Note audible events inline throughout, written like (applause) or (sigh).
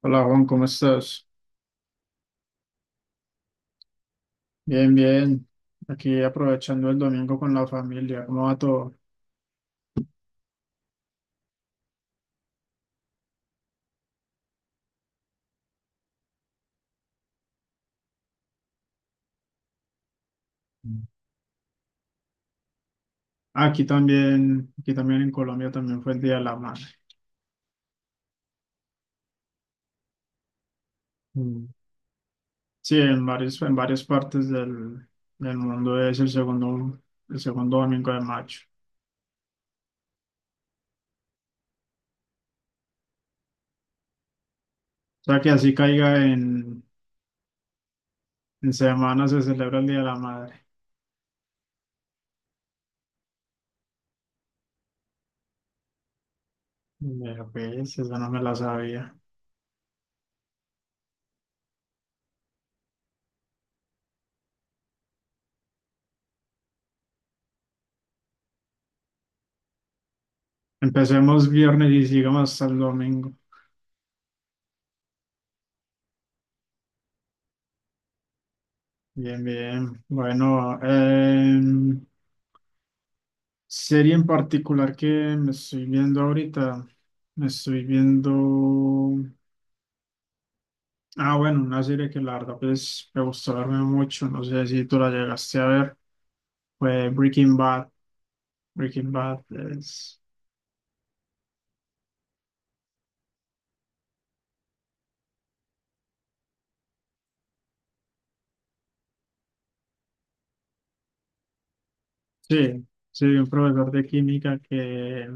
Hola Juan, ¿cómo estás? Bien, bien. Aquí aprovechando el domingo con la familia. ¿Cómo va todo? Mm. Aquí también en Colombia también fue el Día de la Madre. Mm. Sí, en varios, en varias partes del mundo es el segundo domingo de mayo. O sea que así en semana se celebra el Día de la Madre. Vea, pues, esa no me la sabía. Empecemos viernes y sigamos hasta el domingo. Bien, bien. Bueno, serie en particular que me estoy viendo ahorita, me estoy viendo, bueno, una serie que la verdad pues me gustó verme mucho, no sé si tú la llegaste a ver, fue Breaking Bad. Breaking Bad es, sí, sí, un profesor de química que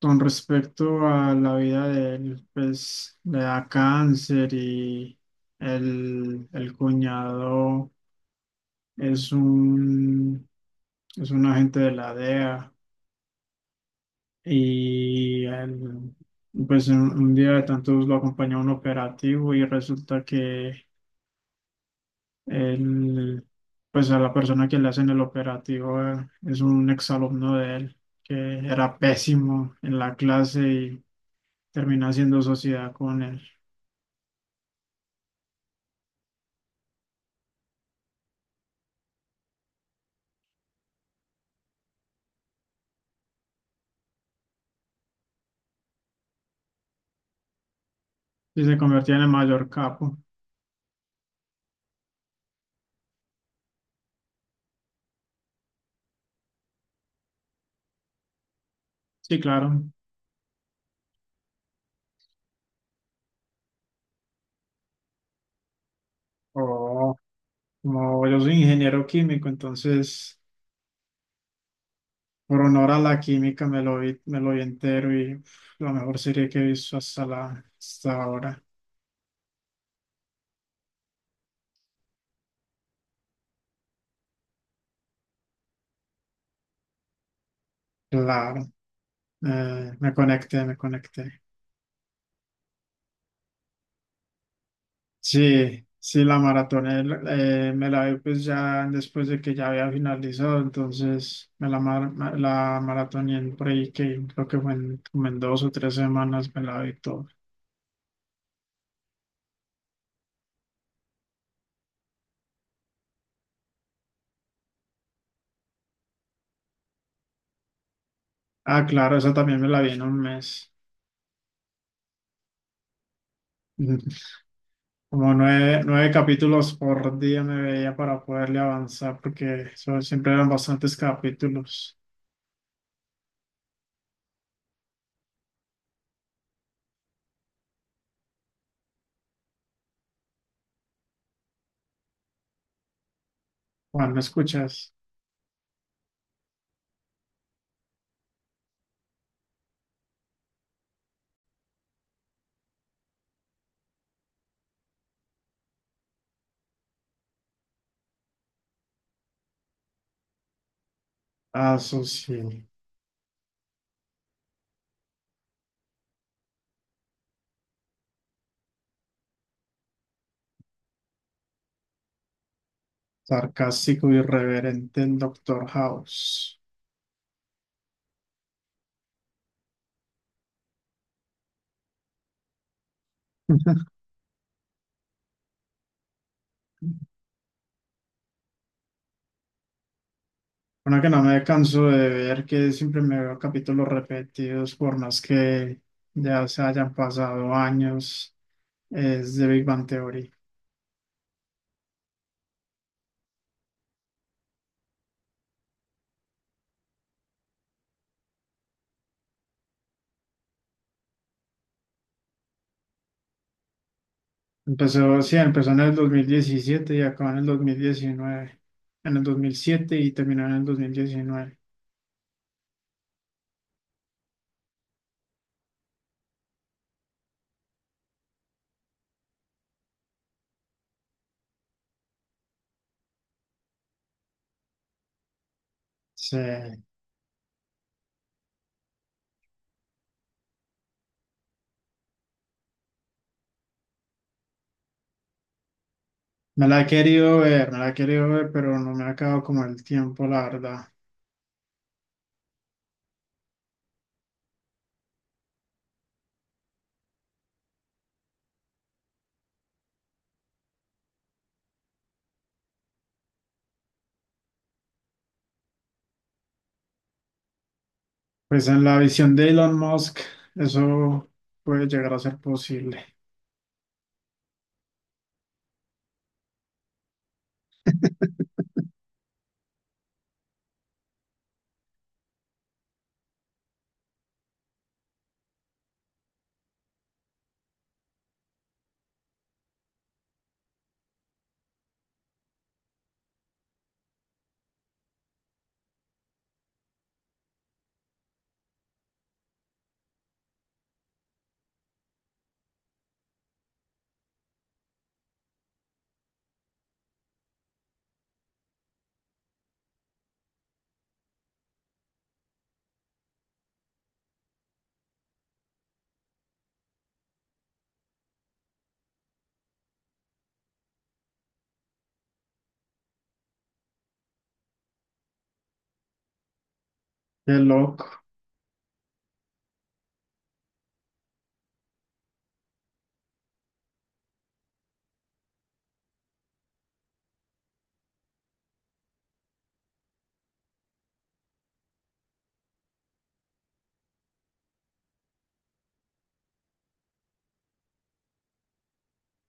con respecto a la vida de él, pues le da cáncer y el cuñado. Es un es un, agente de la DEA y él, pues un día de tantos lo acompañó a un operativo y resulta que él, pues a la persona que le hacen el operativo es un exalumno de él que era pésimo en la clase y termina haciendo sociedad con él y se convertía en el mayor capo. Sí, claro. Oh, como yo soy ingeniero químico, entonces... Por honor a la química me lo vi entero y uf, la mejor serie que he visto hasta ahora. Claro, me conecté, me conecté. Sí, sí, la maratoné, me la vi pues ya después de que ya había finalizado, entonces me la, mar- ma- la maratoné en por ahí que creo que como en 2 o 3 semanas me la vi todo. Ah, claro, esa también me la vi en un mes. (laughs) Como nueve, nueve capítulos por día me veía para poderle avanzar, porque eso siempre eran bastantes capítulos. Juan, ¿me escuchas? Ah, eso sí, sarcástico, irreverente, el Doctor House. Una que no me canso de ver, que siempre me veo capítulos repetidos, por más que ya se hayan pasado años, es de Big Bang Theory. Empezó, sí, empezó en el 2017 y acabó en el 2019 en el 2007 y terminó en el 2019. Sí, me la he querido ver, me la he querido ver, pero no me ha acabado como el tiempo, la verdad. Pues en la visión de Elon Musk, eso puede llegar a ser posible. (laughs) Qué loco.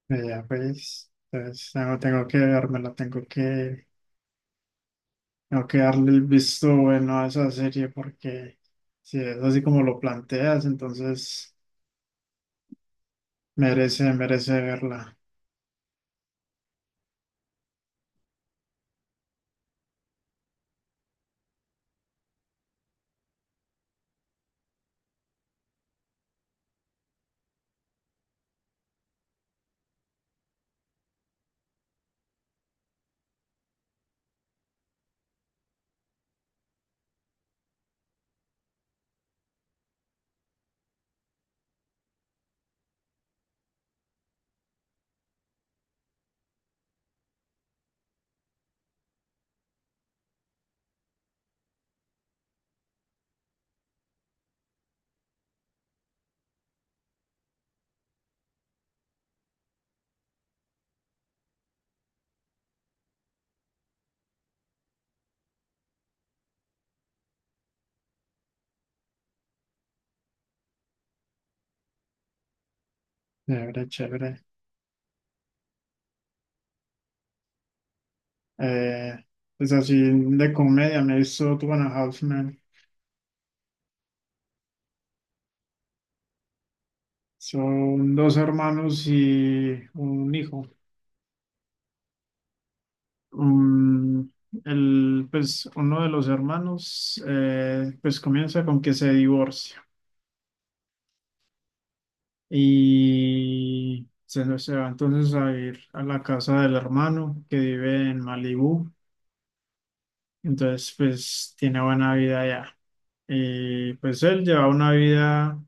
Ya pues, entonces tengo, tengo que vermela, tengo que darle el visto bueno a esa serie porque si es así como lo planteas, entonces... Merece, merece verla. Chévere, chévere. Eh, pues así de comedia, me he visto Two and a Half Men. Son dos hermanos y un hijo. Um, el, pues uno de los hermanos pues comienza con que se divorcia y se va entonces a ir a la casa del hermano que vive en Malibú. Entonces pues tiene buena vida allá. Y pues él lleva una vida.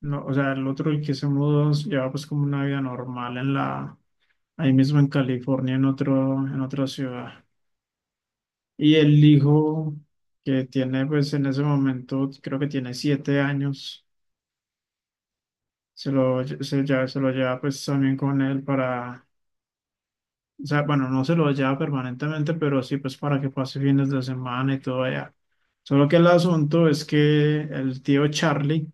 No, o sea, el otro el que se mudó llevaba pues como una vida normal en la, ahí mismo en California, en otro, en otra ciudad. Y el hijo que tiene pues en ese momento, creo que tiene 7 años, se lo lleva pues también con él para, o sea, bueno, no se lo lleva permanentemente, pero sí pues para que pase fines de semana y todo allá. Solo que el asunto es que el tío Charlie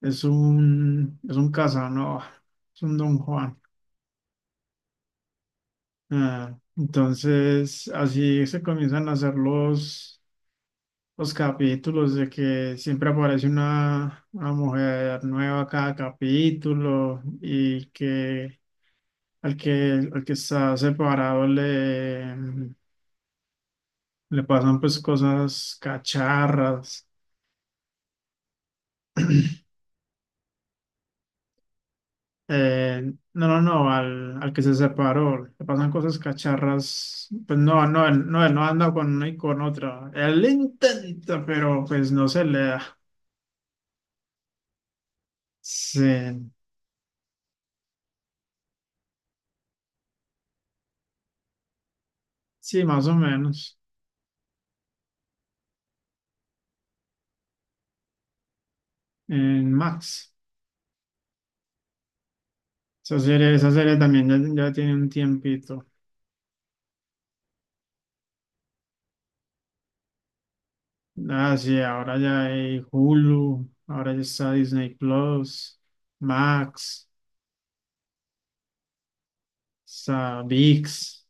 es un casano, es un don Juan. Ah, entonces, así se comienzan a hacer los capítulos de que siempre aparece una mujer nueva cada capítulo y que al que está separado le pasan pues cosas cacharras. No, no, al que se separó le pasan cosas cacharras. Pues no, no, él- no, él no anda con una y con otra. Él intenta, pero pues no se le da. Sí, sí, más o menos. En Max. Esa serie también ya, ya tiene un tiempito. Ah, sí, ahora ya hay Hulu, ahora ya está Disney Plus, Max, está ViX.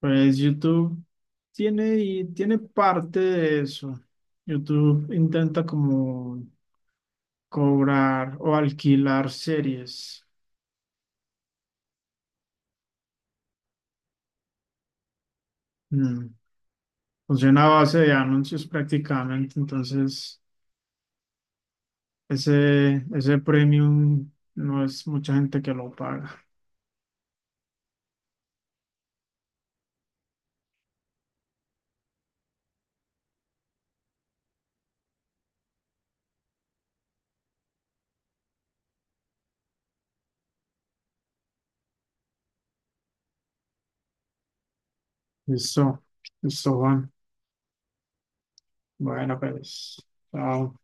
Pues YouTube tiene, y tiene parte de eso. YouTube intenta como cobrar o alquilar series. Mm. Funciona a base de anuncios prácticamente, entonces. Ese premium no es mucha gente que lo paga. Eso, eso, Juan. Bueno, pues, chao.